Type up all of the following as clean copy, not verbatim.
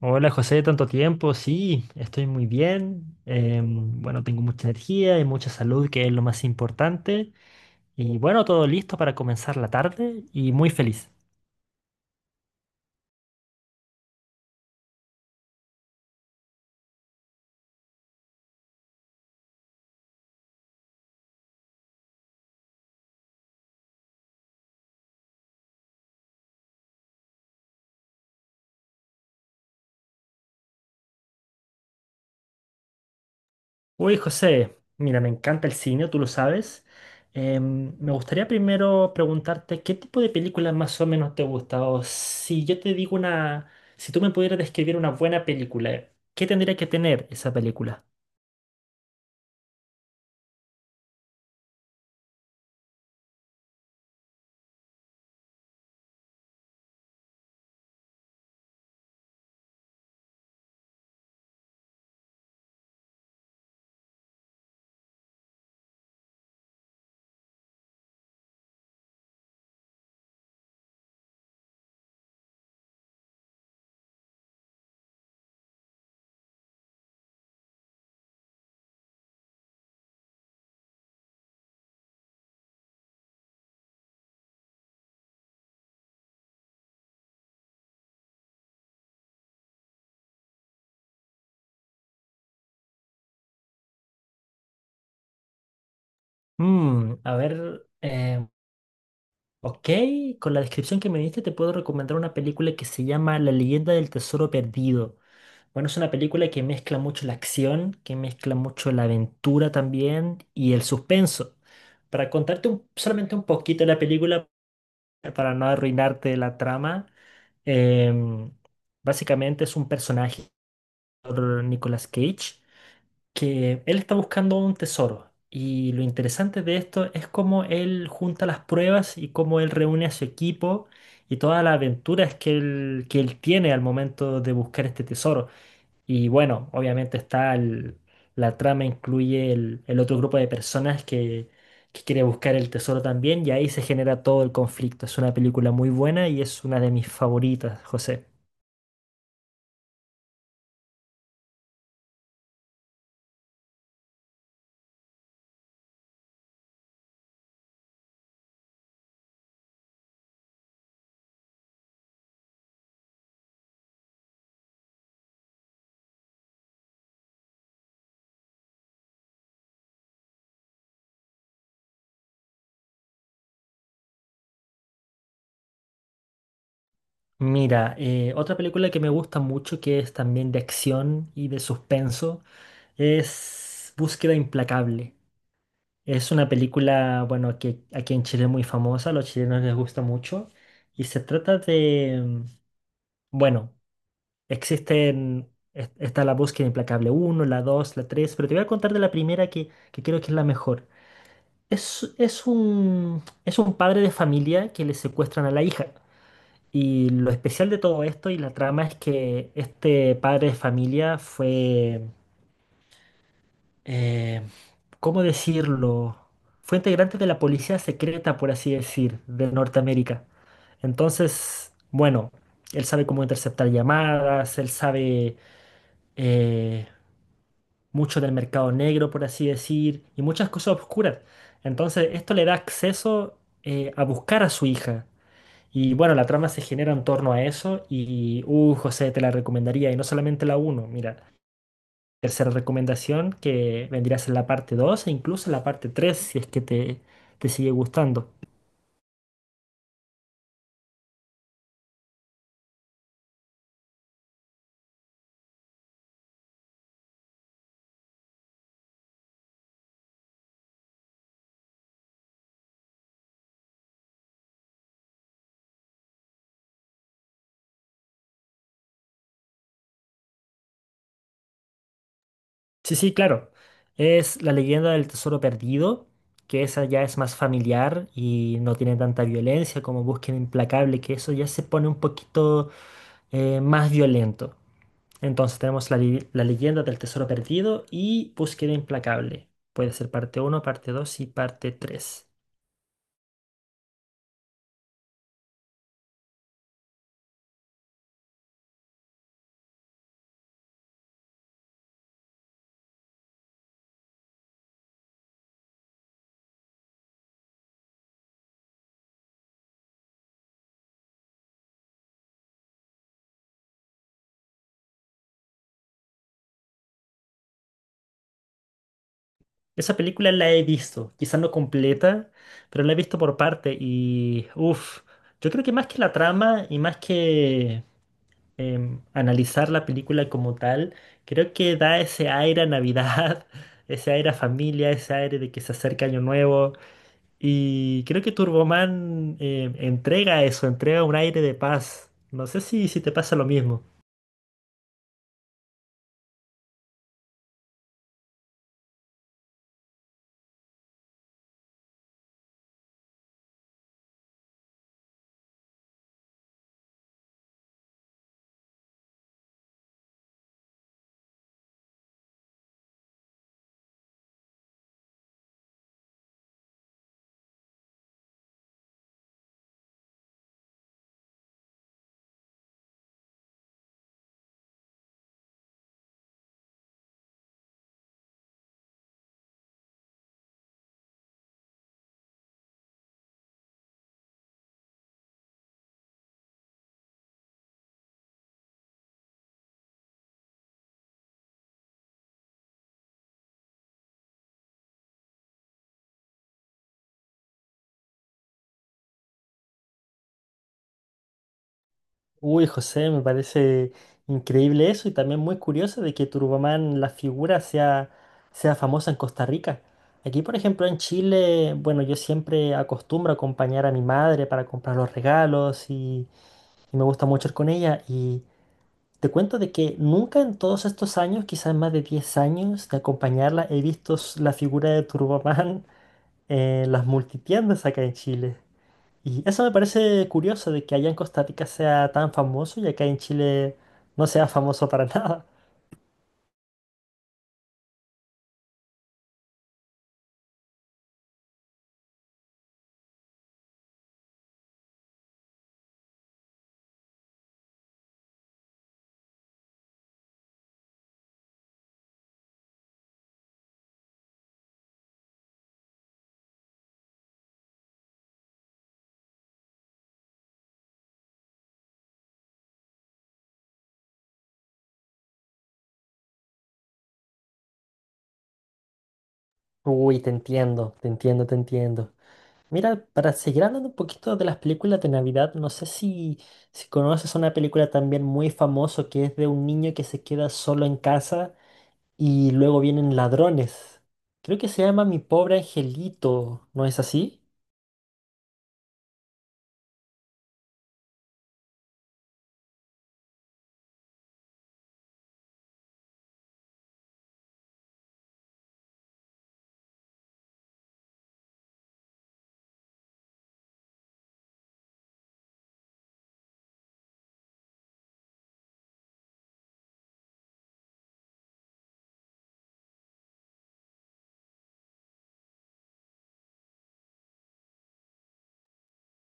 Hola José, tanto tiempo. Sí, estoy muy bien. Bueno, tengo mucha energía y mucha salud, que es lo más importante. Y bueno, todo listo para comenzar la tarde y muy feliz. Uy, José, mira, me encanta el cine, tú lo sabes. Me gustaría primero preguntarte qué tipo de películas más o menos te gusta. O si yo te digo una, si tú me pudieras describir una buena película, ¿qué tendría que tener esa película? A ver. Ok, con la descripción que me diste te puedo recomendar una película que se llama La leyenda del tesoro perdido. Bueno, es una película que mezcla mucho la acción, que mezcla mucho la aventura también y el suspenso. Para contarte solamente un poquito de la película, para no arruinarte la trama, em, básicamente es un personaje por Nicolas Cage que él está buscando un tesoro. Y lo interesante de esto es cómo él junta las pruebas y cómo él reúne a su equipo y todas las aventuras que él tiene al momento de buscar este tesoro. Y bueno, obviamente la trama incluye el otro grupo de personas que quiere buscar el tesoro también y ahí se genera todo el conflicto. Es una película muy buena y es una de mis favoritas, José. Mira, otra película que me gusta mucho, que es también de acción y de suspenso, es Búsqueda Implacable. Es una película, bueno, que aquí en Chile es muy famosa, a los chilenos les gusta mucho, y se trata de, bueno, existen, está la Búsqueda Implacable uno, la 2, la 3, pero te voy a contar de la primera que creo que es la mejor. Es, es un padre de familia que le secuestran a la hija. Y lo especial de todo esto y la trama es que este padre de familia fue, eh, ¿cómo decirlo? Fue integrante de la policía secreta, por así decir, de Norteamérica. Entonces, bueno, él sabe cómo interceptar llamadas, él sabe eh, mucho del mercado negro, por así decir, y muchas cosas oscuras. Entonces, esto le da acceso a buscar a su hija. Y bueno, la trama se genera en torno a eso y, José, te la recomendaría, y no solamente la uno mira, tercera recomendación que vendrías en la parte 2 e incluso en la parte 3 si es que te sigue gustando. Sí, sí, claro, es La leyenda del tesoro perdido, que esa ya es más familiar y no tiene tanta violencia como Búsqueda Implacable, que eso ya se pone un poquito más violento. Entonces tenemos la leyenda del tesoro perdido y Búsqueda implacable. Puede ser parte uno, parte 2 y parte 3. Esa película la he visto, quizás no completa, pero la he visto por parte y uff, yo creo que más que la trama y más que analizar la película como tal, creo que da ese aire a Navidad, ese aire a familia, ese aire de que se acerca Año Nuevo. Y creo que Turboman entrega eso, entrega un aire de paz. No sé si, si te pasa lo mismo. Uy, José, me parece increíble eso y también muy curioso de que Turboman, la figura, sea famosa en Costa Rica. Aquí, por ejemplo, en Chile, bueno, yo siempre acostumbro a acompañar a mi madre para comprar los regalos y me gusta mucho ir con ella. Y te cuento de que nunca en todos estos años, quizás más de 10 años de acompañarla, he visto la figura de Turboman en las multitiendas acá en Chile. Y eso me parece curioso de que allá en Costa Rica sea tan famoso y acá en Chile no sea famoso para nada. Uy, te entiendo, te entiendo, te entiendo. Mira, para seguir hablando un poquito de las películas de Navidad, no sé si, si conoces una película también muy famosa que es de un niño que se queda solo en casa y luego vienen ladrones. Creo que se llama Mi pobre angelito, ¿no es así?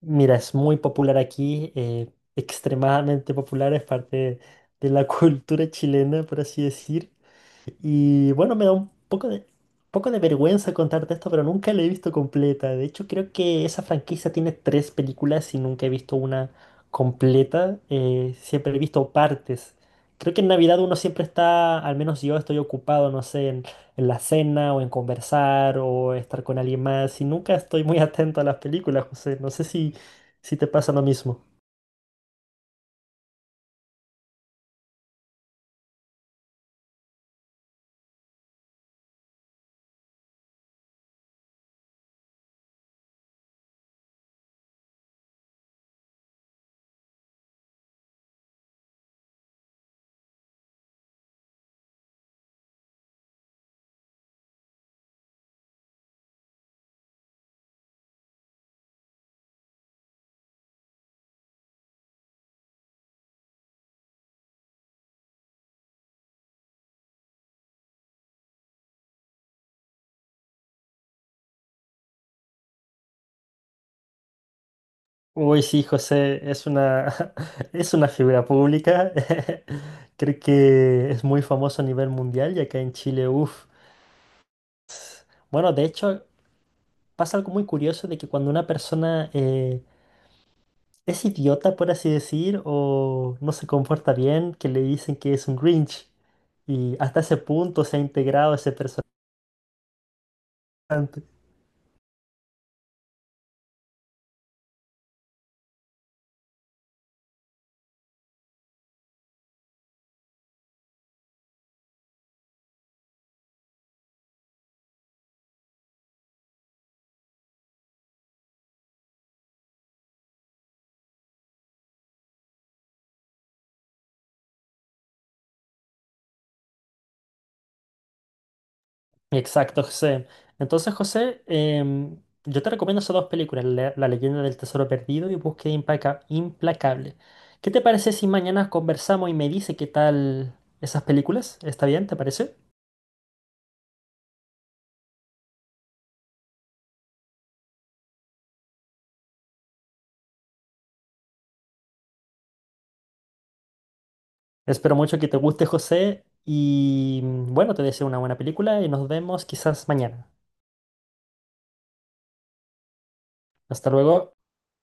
Mira, es muy popular aquí, extremadamente popular, es parte de la cultura chilena, por así decir. Y bueno, me da poco de vergüenza contarte esto, pero nunca la he visto completa. De hecho, creo que esa franquicia tiene tres películas y nunca he visto una completa. Siempre he visto partes. Creo que en Navidad uno siempre está, al menos yo estoy ocupado, no sé, en la cena o en conversar o estar con alguien más. Y nunca estoy muy atento a las películas, José. No sé si, si te pasa lo mismo. Uy, sí, José, es una, es una figura pública. Creo que es muy famoso a nivel mundial y acá en Chile, uff. Bueno, de hecho, pasa algo muy curioso de que cuando una persona es idiota, por así decir, o no se comporta bien, que le dicen que es un Grinch. Y hasta ese punto se ha integrado ese personaje. Exacto, José. Entonces, José, yo te recomiendo esas dos películas, La leyenda del tesoro perdido y Búsqueda implacable. ¿Qué te parece si mañana conversamos y me dice qué tal esas películas? ¿Está bien? ¿Te parece? Espero mucho que te guste, José, y bueno, te deseo una buena película y nos vemos quizás mañana. Hasta luego.